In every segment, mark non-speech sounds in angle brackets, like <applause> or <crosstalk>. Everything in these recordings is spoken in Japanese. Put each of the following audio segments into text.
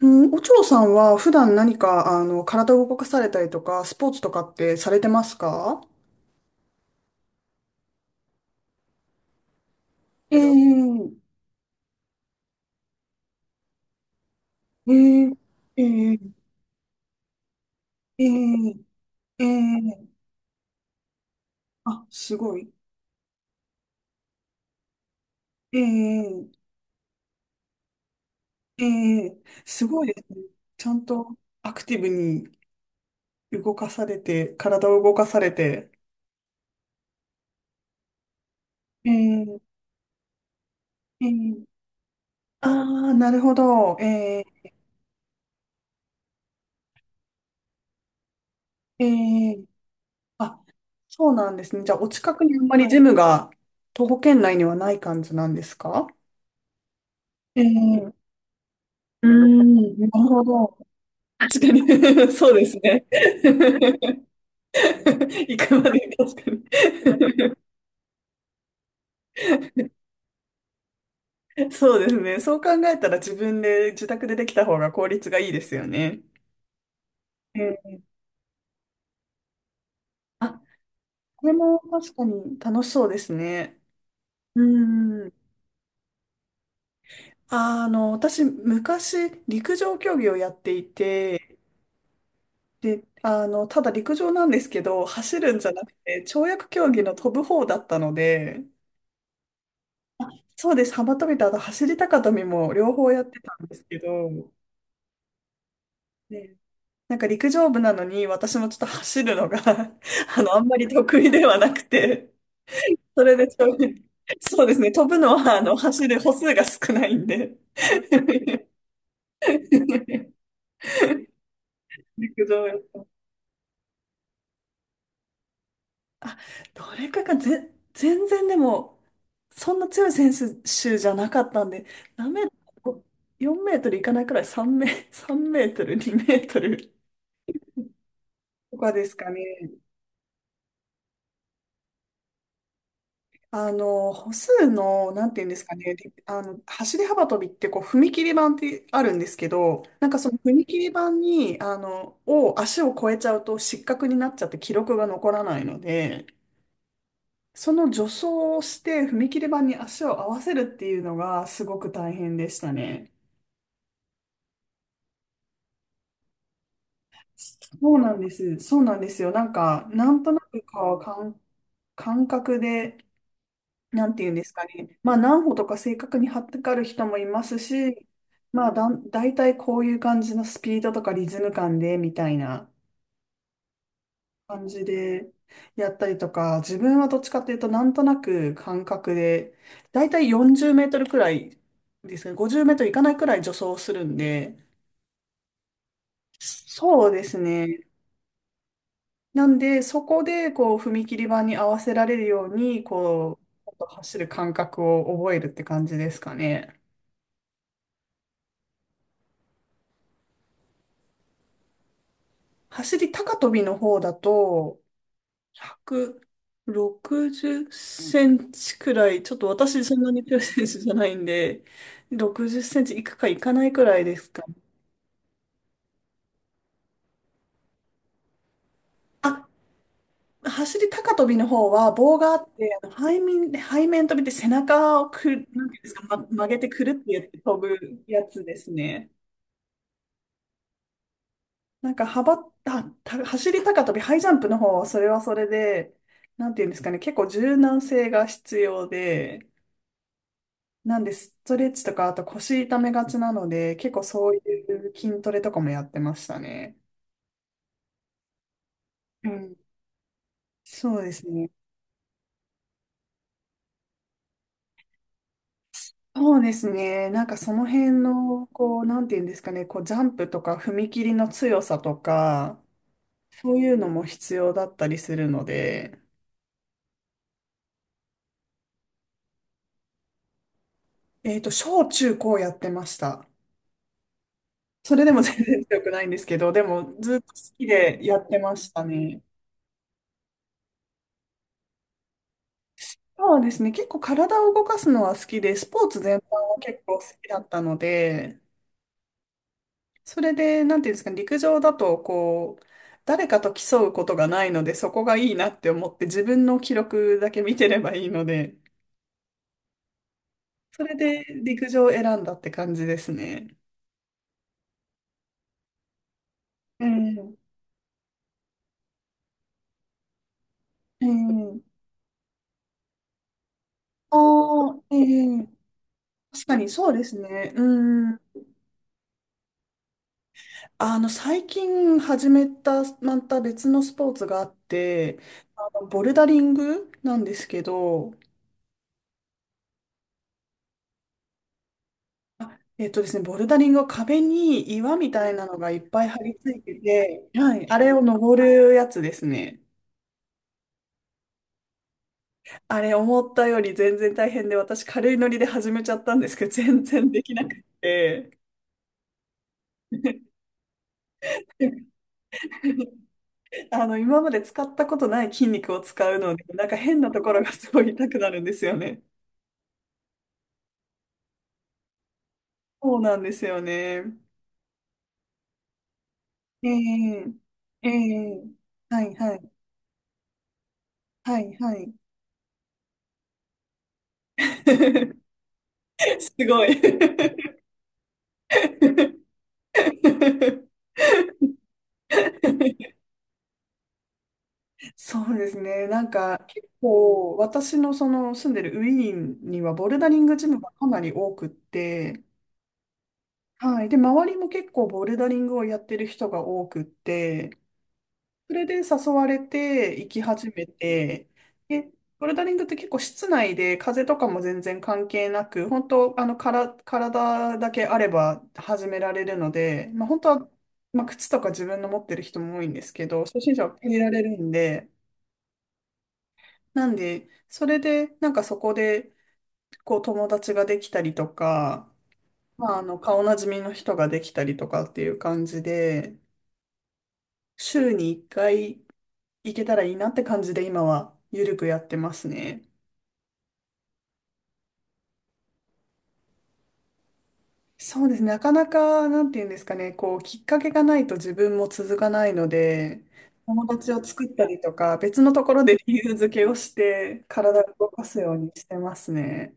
うん、お嬢さんは普段何か、体を動かされたりとか、スポーツとかってされてますか？ええ、ええ、ええ、ええ、ええ、あ、すごい。ええ、ええ、すごいですね。ちゃんとアクティブに動かされて、体を動かされて。ええ、ええ、ああー、なるほど。ええ、ええ、あ、そうなんですね。じゃあ、お近くにあんまりジムが、徒歩圏内にはない感じなんですか？ええ、うーん、なるほど。確かに <laughs> そうですね。<laughs> 行くまでに確かに <laughs> そうですね。そう考えたら自分で自宅でできた方が効率がいいですよね。ええ、あ、これも確かに楽しそうですね。うん。私、昔、陸上競技をやっていて、で、ただ陸上なんですけど、走るんじゃなくて、跳躍競技の飛ぶ方だったので、あ、そうです。幅跳びとあと走り高跳びも両方やってたんですけど、ね、なんか陸上部なのに私もちょっと走るのが <laughs> あんまり得意ではなくて、それでちょうそうですね、飛ぶのは走る歩数が少ないんで <laughs> 陸上やっあ、どれかがぜ、全然でも、そんな強い選手じゃなかったんで、何メートル、4メートルいかないくらい、3メートル、2メートルとかですかね。歩数の、なんていうんですかね、りあの、走り幅跳びってこう、踏切板ってあるんですけど、なんかその踏切板に、足を越えちゃうと失格になっちゃって記録が残らないので、その助走をして踏切板に足を合わせるっていうのがすごく大変でしたね。そうなんです。そうなんですよ。なんか、なんとなくか、感覚で、なんていうんですかね。まあ、何歩とか正確に張ってかる人もいますし、まあ、大体こういう感じのスピードとかリズム感で、みたいな感じでやったりとか、自分はどっちかっていうと、なんとなく感覚で、大体40メートルくらいですね。50メートルいかないくらい助走するんで、そうですね。なんで、そこで、こう、踏切板に合わせられるように、こう、ちょっと走る感覚を覚えるって感じですかね。走り高跳びの方だと、160センチくらい、ちょっと私そんなに強い選手じゃないんで、60センチいくかいかないくらいですかね。あ、走り高跳びの方は棒があって、背面跳びって背中をなんていうんですか、ま、曲げてくるってやって飛ぶやつですね。なんか幅、あ、た、走り高跳び、ハイジャンプの方はそれはそれで、なんていうんですかね、結構柔軟性が必要で、なんで、ストレッチとか、あと腰痛めがちなので、結構そういう筋トレとかもやってましたね。うん。そうですね。そうですね。なんかその辺の、こう、なんていうんですかね、こう、ジャンプとか踏み切りの強さとか、そういうのも必要だったりするので、小中高やってました。それでも全然強くないんですけど、でもずっと好きでやってましたね。そうですね。結構体を動かすのは好きで、スポーツ全般は結構好きだったので、それで、なんていうんですかね、陸上だと、こう、誰かと競うことがないので、そこがいいなって思って、自分の記録だけ見てればいいので、それで陸上を選んだって感じですね。ええ、ええ、ああ、ええ、確かにそうですね。うん。最近始めた、また別のスポーツがあって、ボルダリングなんですけど、あえっとですね、ボルダリングは壁に岩みたいなのがいっぱい張り付いてて、はい、あれを登るやつですね。あれ思ったより全然大変で、私軽いノリで始めちゃったんですけど、<laughs> 全然できなくて。<laughs> 今まで使ったことない筋肉を使うので、なんか変なところがすごい痛くなるんですよね。そうなんですよね。ええ、ええ、はいはい、はいはい。<laughs> すごい。<laughs> <laughs> そうですね。なんか結構私のその住んでるウィーンにはボルダリングジムがかなり多くって、はい。で、周りも結構ボルダリングをやってる人が多くって、それで誘われて行き始めて、で、ボルダリングって結構室内で風とかも全然関係なく、本当あのから体だけあれば始められるので、まあ本当は、まあ、靴とか自分の持ってる人も多いんですけど、初心者は借りられるんで、なんで、それで、なんかそこで、こう友達ができたりとか、まあ、顔なじみの人ができたりとかっていう感じで、週に1回行けたらいいなって感じで今はゆるくやってますね。そうですね。なかなか、なんていうんですかね、こう、きっかけがないと自分も続かないので、友達を作ったりとか、別のところで理由付けをして、体を動かすようにしてますね。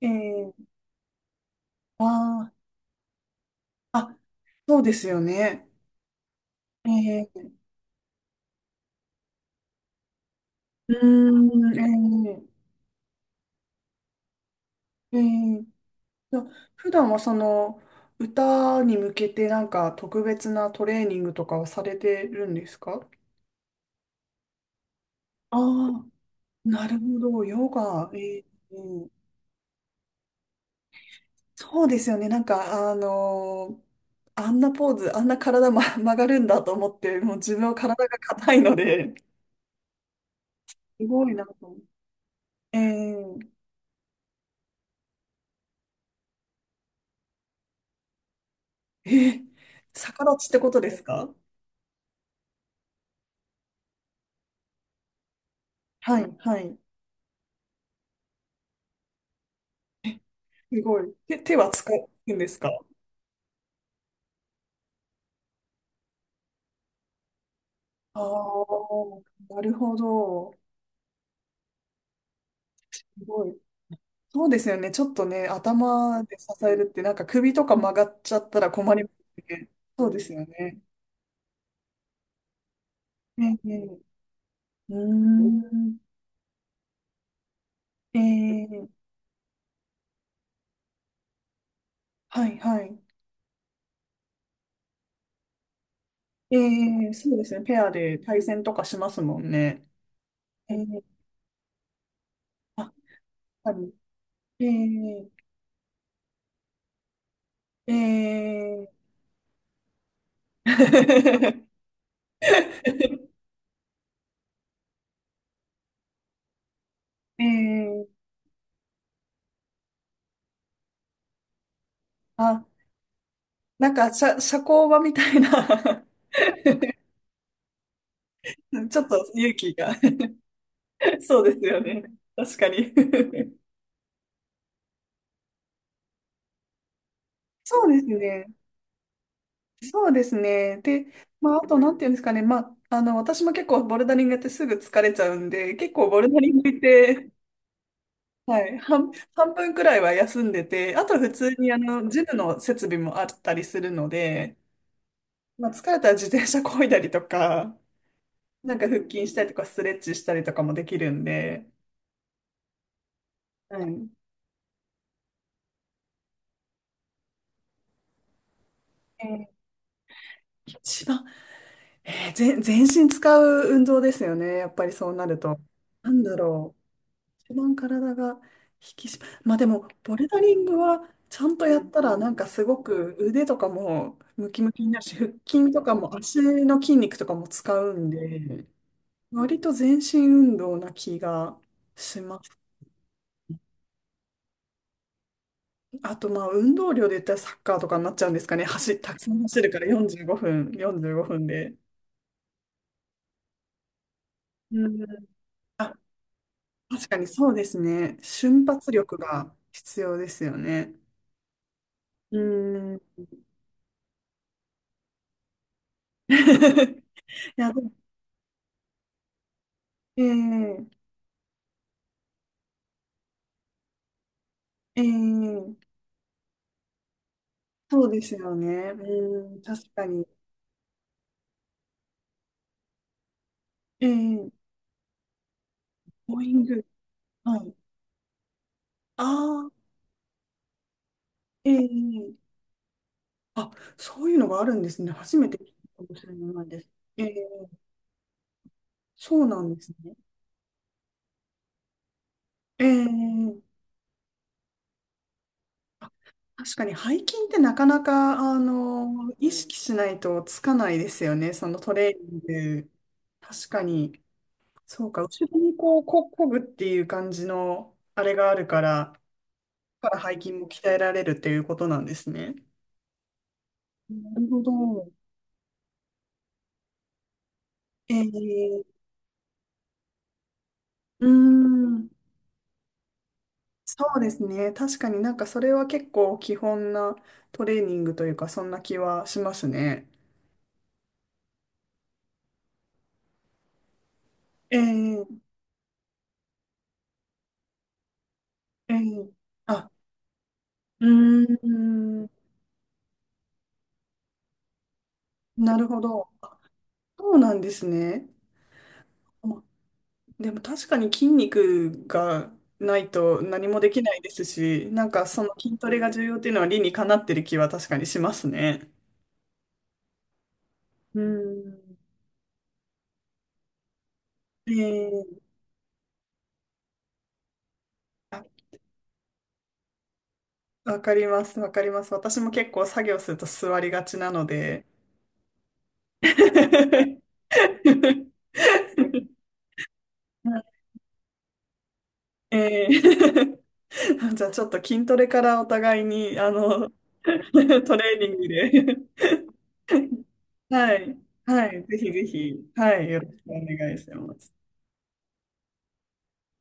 えー、あー、あ、そうですよね。えーうーん、ー、えーと、普段はその歌に向けてなんか特別なトレーニングとかはされてるんですか？ああ、なるほど、ヨガ、うん、そうですよね、なんかあんなポーズ、あんな体、ま、曲がるんだと思って、もう自分は体が硬いので、すごいなと思って。えー、えー、逆立ちってことですか？はい、はい、すごい。手は使うんですか？ああ、なるほど。すごい。そうですよね。ちょっとね、頭で支えるって、なんか首とか曲がっちゃったら困りますね。そうですよね。ええ、うーん。ええ、はいはい。ええ、そうですね。ペアで対戦とかしますもんね。ええ、あ、やっぱり。ええ、ええ。<laughs> ええ、<laughs> あ、なんか、社交場みたいな <laughs> ちょっと勇気が <laughs> そうですよね。確かに。<laughs> そうですね。そうですね。で、まあ、あと、なんていうんですかね。まあ、私も結構ボルダリングやってすぐ疲れちゃうんで、結構ボルダリングって、はい、半分くらいは休んでて、あと普通にジムの設備もあったりするので、まあ、疲れたら自転車漕いだりとか、なんか腹筋したりとか、ストレッチしたりとかもできるんで、はい。えー一番全身使う運動ですよね。やっぱりそうなると。なんだろう。一番体が引き締ま、まあでも、ボルダリングはちゃんとやったら、なんかすごく腕とかもムキムキになるし、腹筋とかも足の筋肉とかも使うんで、割と全身運動な気がします。あと、まあ運動量で言ったらサッカーとかになっちゃうんですかね。たくさん走るから45分、45分で。うん。確かにそうですね。瞬発力が必要ですよね。うーん。<laughs> いや、でも、ええ、ええ、そうですよね。うーん、確かに。ええ、ボーイング。はい。ああ、ええ、あ、そういうのがあるんですね。初めて聞いたかもしれないです。ええ、そうなんですね。ええ、あ、確かに背筋ってなかなか、意識しないとつかないですよね。そのトレーニング。確かに。そうか、後ろにこう、こぐっていう感じの、あれがあるから、だから背筋も鍛えられるっていうことなんですね。なるほど。えー、うーん、そうですね。確かになんかそれは結構基本なトレーニングというか、そんな気はしますね。えー、えー、あ、うーん、なるほど。そうなんですね。でも確かに筋肉がないと何もできないですし、なんかその筋トレが重要っていうのは理にかなってる気は確かにしますね。うん。ええ、あ、わかります、わかります。私も結構作業すると座りがちなので。<laughs> ええ <laughs> じゃあちょっと筋トレからお互いに、<laughs> トレーニングで <laughs> はい、はい、ぜひぜひ、はい、よろしくお願いします。